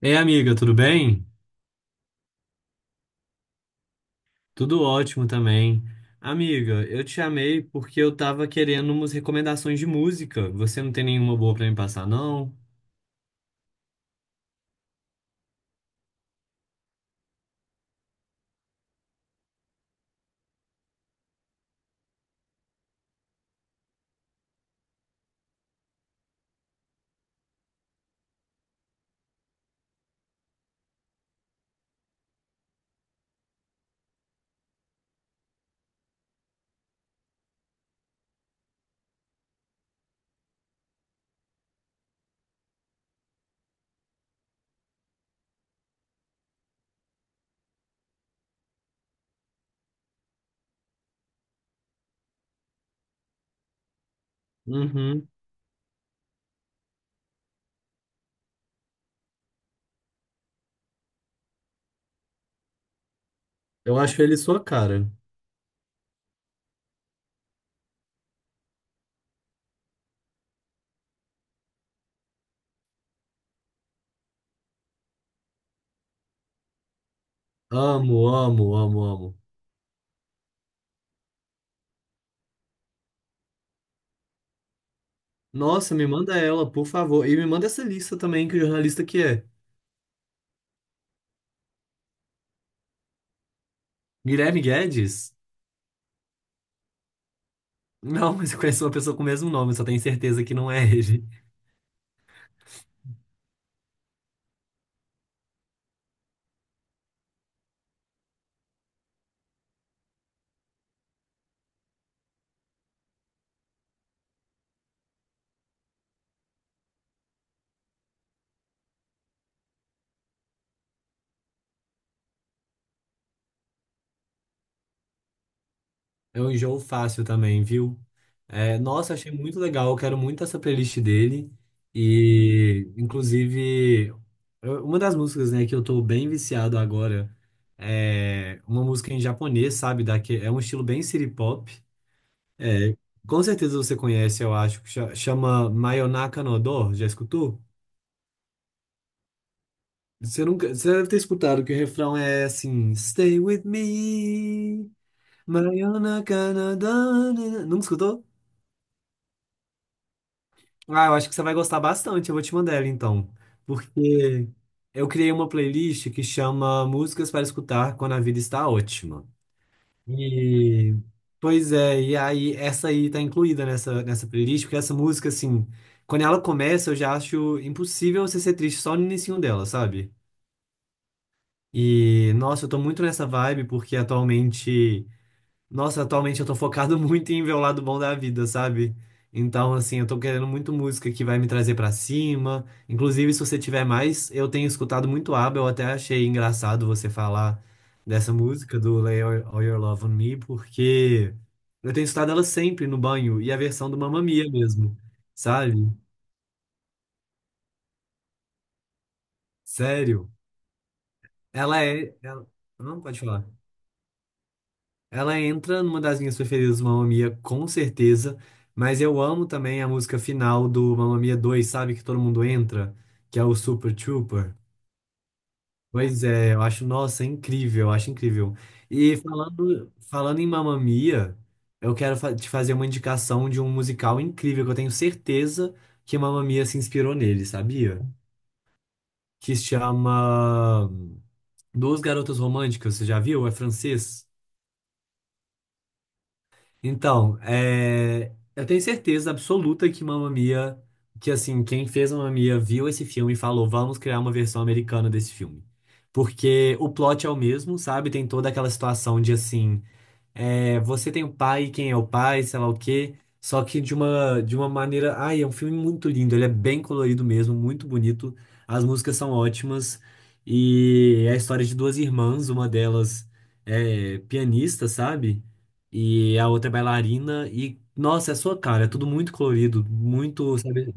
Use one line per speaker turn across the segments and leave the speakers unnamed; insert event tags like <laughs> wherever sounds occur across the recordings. Ei, amiga, tudo bem? Tudo ótimo também. Amiga, eu te chamei porque eu tava querendo umas recomendações de música. Você não tem nenhuma boa pra me passar, não? Uhum. Eu acho ele sua cara. Amo, amo, amo, amo. Nossa, me manda ela, por favor. E me manda essa lista também, que jornalista que é? Guilherme Guedes? Não, mas eu conheço uma pessoa com o mesmo nome, só tenho certeza que não é ele. É um enjoo fácil também, viu? É, nossa, achei muito legal. Eu quero muito essa playlist dele. E, inclusive, uma das músicas, né, que eu tô bem viciado agora é uma música em japonês, sabe? Daqui, é um estilo bem city pop. É, com certeza você conhece, eu acho, que chama Mayonaka no Do. Já escutou? Você nunca, você deve ter escutado que o refrão é assim: Stay with me, Mayonaka no Do. Né? Nunca escutou? Ah, eu acho que você vai gostar bastante. Eu vou te mandar ela então. Porque eu criei uma playlist que chama Músicas para Escutar Quando a Vida Está Ótima. E. Pois é, e aí essa aí tá incluída nessa playlist, porque essa música, assim, quando ela começa, eu já acho impossível você ser triste só no inicinho dela, sabe? E, nossa, eu tô muito nessa vibe, porque atualmente. Nossa, atualmente eu tô focado <laughs> muito em ver o lado bom da vida, sabe? Então, assim, eu tô querendo muito música que vai me trazer pra cima. Inclusive, se você tiver mais, eu tenho escutado muito ABBA, eu até achei engraçado você falar dessa música do Lay All Your Love on Me, porque eu tenho escutado ela sempre no banho e a versão do Mamma Mia mesmo, sabe? Sério. Ela é. ela- Não, pode falar. Ela entra numa das minhas preferidas do Mamma Mia, com certeza, mas eu amo também a música final do Mamma Mia 2, sabe? Que todo mundo entra, que é o Super Trooper. Pois é, eu acho, nossa, é incrível, eu acho incrível. E falando em Mamma Mia, eu quero te fazer uma indicação de um musical incrível que eu tenho certeza que Mamma Mia se inspirou nele, sabia? Que se chama Duas Garotas Românticas, você já viu? É francês? Então, é, eu tenho certeza absoluta que Mamma Mia, que assim, quem fez Mamma Mia viu esse filme e falou, vamos criar uma versão americana desse filme. Porque o plot é o mesmo, sabe? Tem toda aquela situação de assim é, você tem o pai, quem é o pai, sei lá o quê. Só que de uma maneira. Ai, é um filme muito lindo, ele é bem colorido mesmo, muito bonito. As músicas são ótimas. E é a história de duas irmãs, uma delas é pianista, sabe? E a outra é bailarina. E, nossa, é a sua cara, é tudo muito colorido, muito, sabe?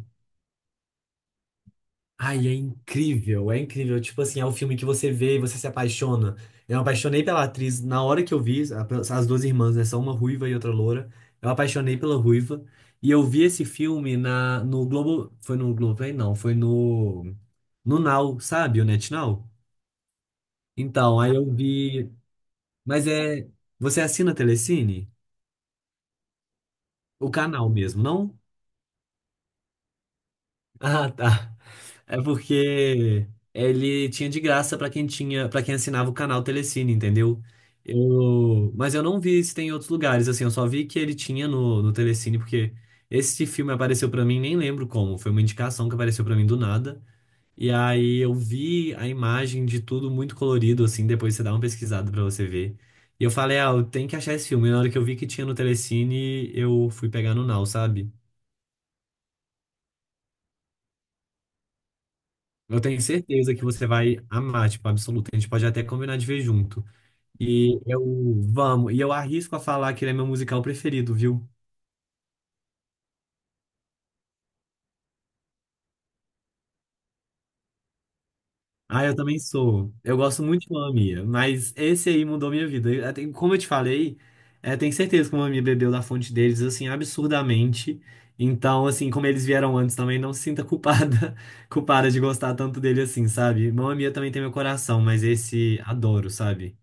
Ai, é incrível, é incrível. Tipo assim, é o filme que você vê e você se apaixona. Eu me apaixonei pela atriz na hora que eu vi, as duas irmãs, né? São uma ruiva e outra loura. Eu me apaixonei pela ruiva. E eu vi esse filme no Globo. Foi no Globo, hein? Não, foi no. No Now, sabe? O NetNow. Então, aí eu vi. Mas é. Você assina Telecine? O canal mesmo, não? Ah, tá. É porque ele tinha de graça pra quem tinha, para quem assinava o canal Telecine, entendeu? Eu, mas eu não vi se tem em outros lugares, assim, eu só vi que ele tinha no Telecine, porque esse filme apareceu pra mim, nem lembro como, foi uma indicação que apareceu pra mim do nada. E aí eu vi a imagem de tudo muito colorido, assim, depois você dá uma pesquisada pra você ver. E eu falei, ah, eu tenho que achar esse filme. E na hora que eu vi que tinha no Telecine, eu fui pegar no Now, sabe? Eu tenho certeza que você vai amar, tipo, absoluto. A gente pode até combinar de ver junto. E eu vamos, e eu arrisco a falar que ele é meu musical preferido, viu? Ah, eu também sou. Eu gosto muito de Mamma Mia, mas esse aí mudou minha vida. Como eu te falei, é, tenho certeza que o Mamma Mia bebeu da fonte deles, assim, absurdamente. Então, assim, como eles vieram antes também, não se sinta culpada, <laughs> culpada de gostar tanto dele assim, sabe? Mamma Mia também tem meu coração, mas esse adoro, sabe?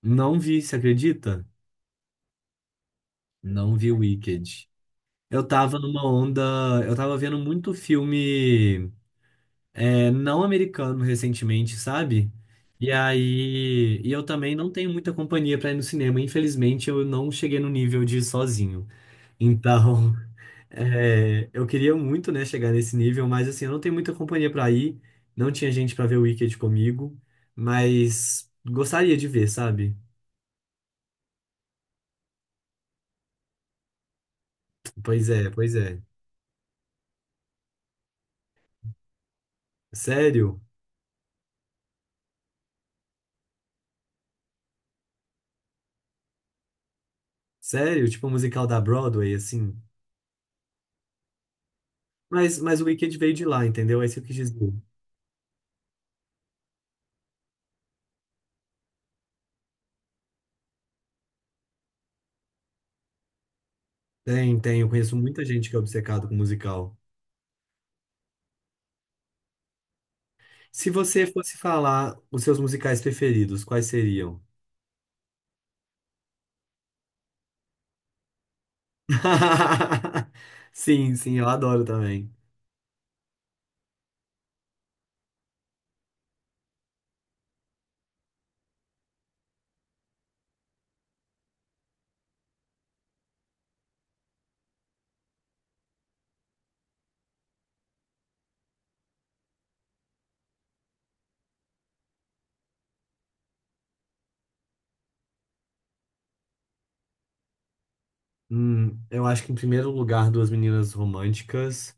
Não vi, você acredita? Não vi Wicked. Eu tava numa onda. Eu tava vendo muito filme não americano recentemente, sabe? E aí. E eu também não tenho muita companhia pra ir no cinema. Infelizmente, eu não cheguei no nível de ir sozinho. Então, <laughs> eu queria muito, né, chegar nesse nível, mas assim, eu não tenho muita companhia pra ir. Não tinha gente pra ver o Wicked comigo. Mas gostaria de ver, sabe? Pois é, pois é. Sério? Sério? Tipo um musical da Broadway, assim. Mas o Wicked veio de lá, entendeu? É isso que eu quis dizer. Tem, tem. Eu conheço muita gente que é obcecada com musical. Se você fosse falar os seus musicais preferidos, quais seriam? <laughs> Sim, sim, eu adoro também. Eu acho que em primeiro lugar, Duas Meninas Românticas.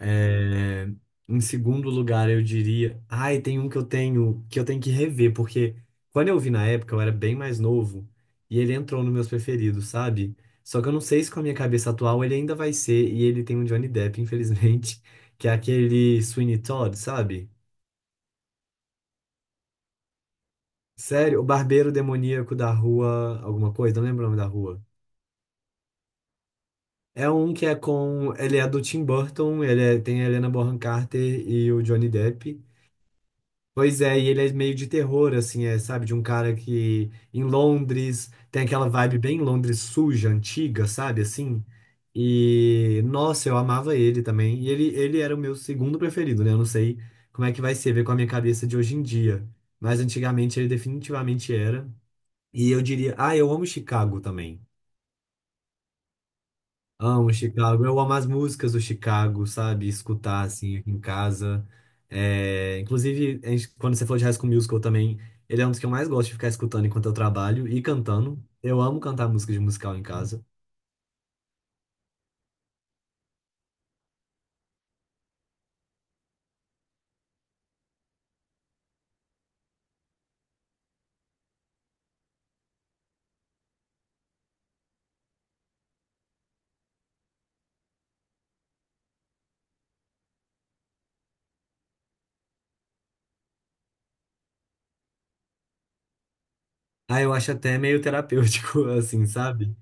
É, em segundo lugar, eu diria. Ai, tem um que eu tenho que rever, porque quando eu vi na época, eu era bem mais novo e ele entrou nos meus preferidos, sabe? Só que eu não sei se com a minha cabeça atual ele ainda vai ser, e ele tem um Johnny Depp, infelizmente, <laughs> que é aquele Sweeney Todd, sabe? Sério, o barbeiro demoníaco da rua, alguma coisa, não lembro o nome da rua. É um que é com. Ele é do Tim Burton, tem a Helena Bonham Carter e o Johnny Depp. Pois é, e ele é meio de terror, assim, é, sabe? De um cara que em Londres tem aquela vibe bem Londres suja, antiga, sabe? Assim. E nossa, eu amava ele também. E ele era o meu segundo preferido, né? Eu não sei como é que vai ser ver com a minha cabeça de hoje em dia, mas antigamente ele definitivamente era. E eu diria, ah, eu amo Chicago também. Amo Chicago. Eu amo as músicas do Chicago, sabe? Escutar, assim, aqui em casa. É, inclusive, quando você falou de High School Musical também, ele é um dos que eu mais gosto de ficar escutando enquanto eu trabalho e cantando. Eu amo cantar música de musical em casa. Ah, eu acho até meio terapêutico, <laughs> assim, sabe?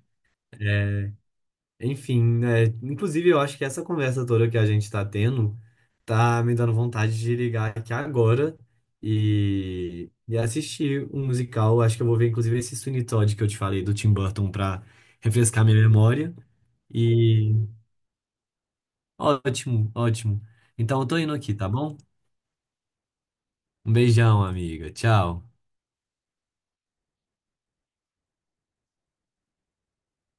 Enfim, né? Inclusive, eu acho que essa conversa toda que a gente tá tendo tá me dando vontade de ligar aqui agora e assistir um musical. Acho que eu vou ver, inclusive, esse Sweeney Todd que eu te falei do Tim Burton pra refrescar minha memória. E ótimo, ótimo. Então, eu tô indo aqui, tá bom? Um beijão, amiga. Tchau.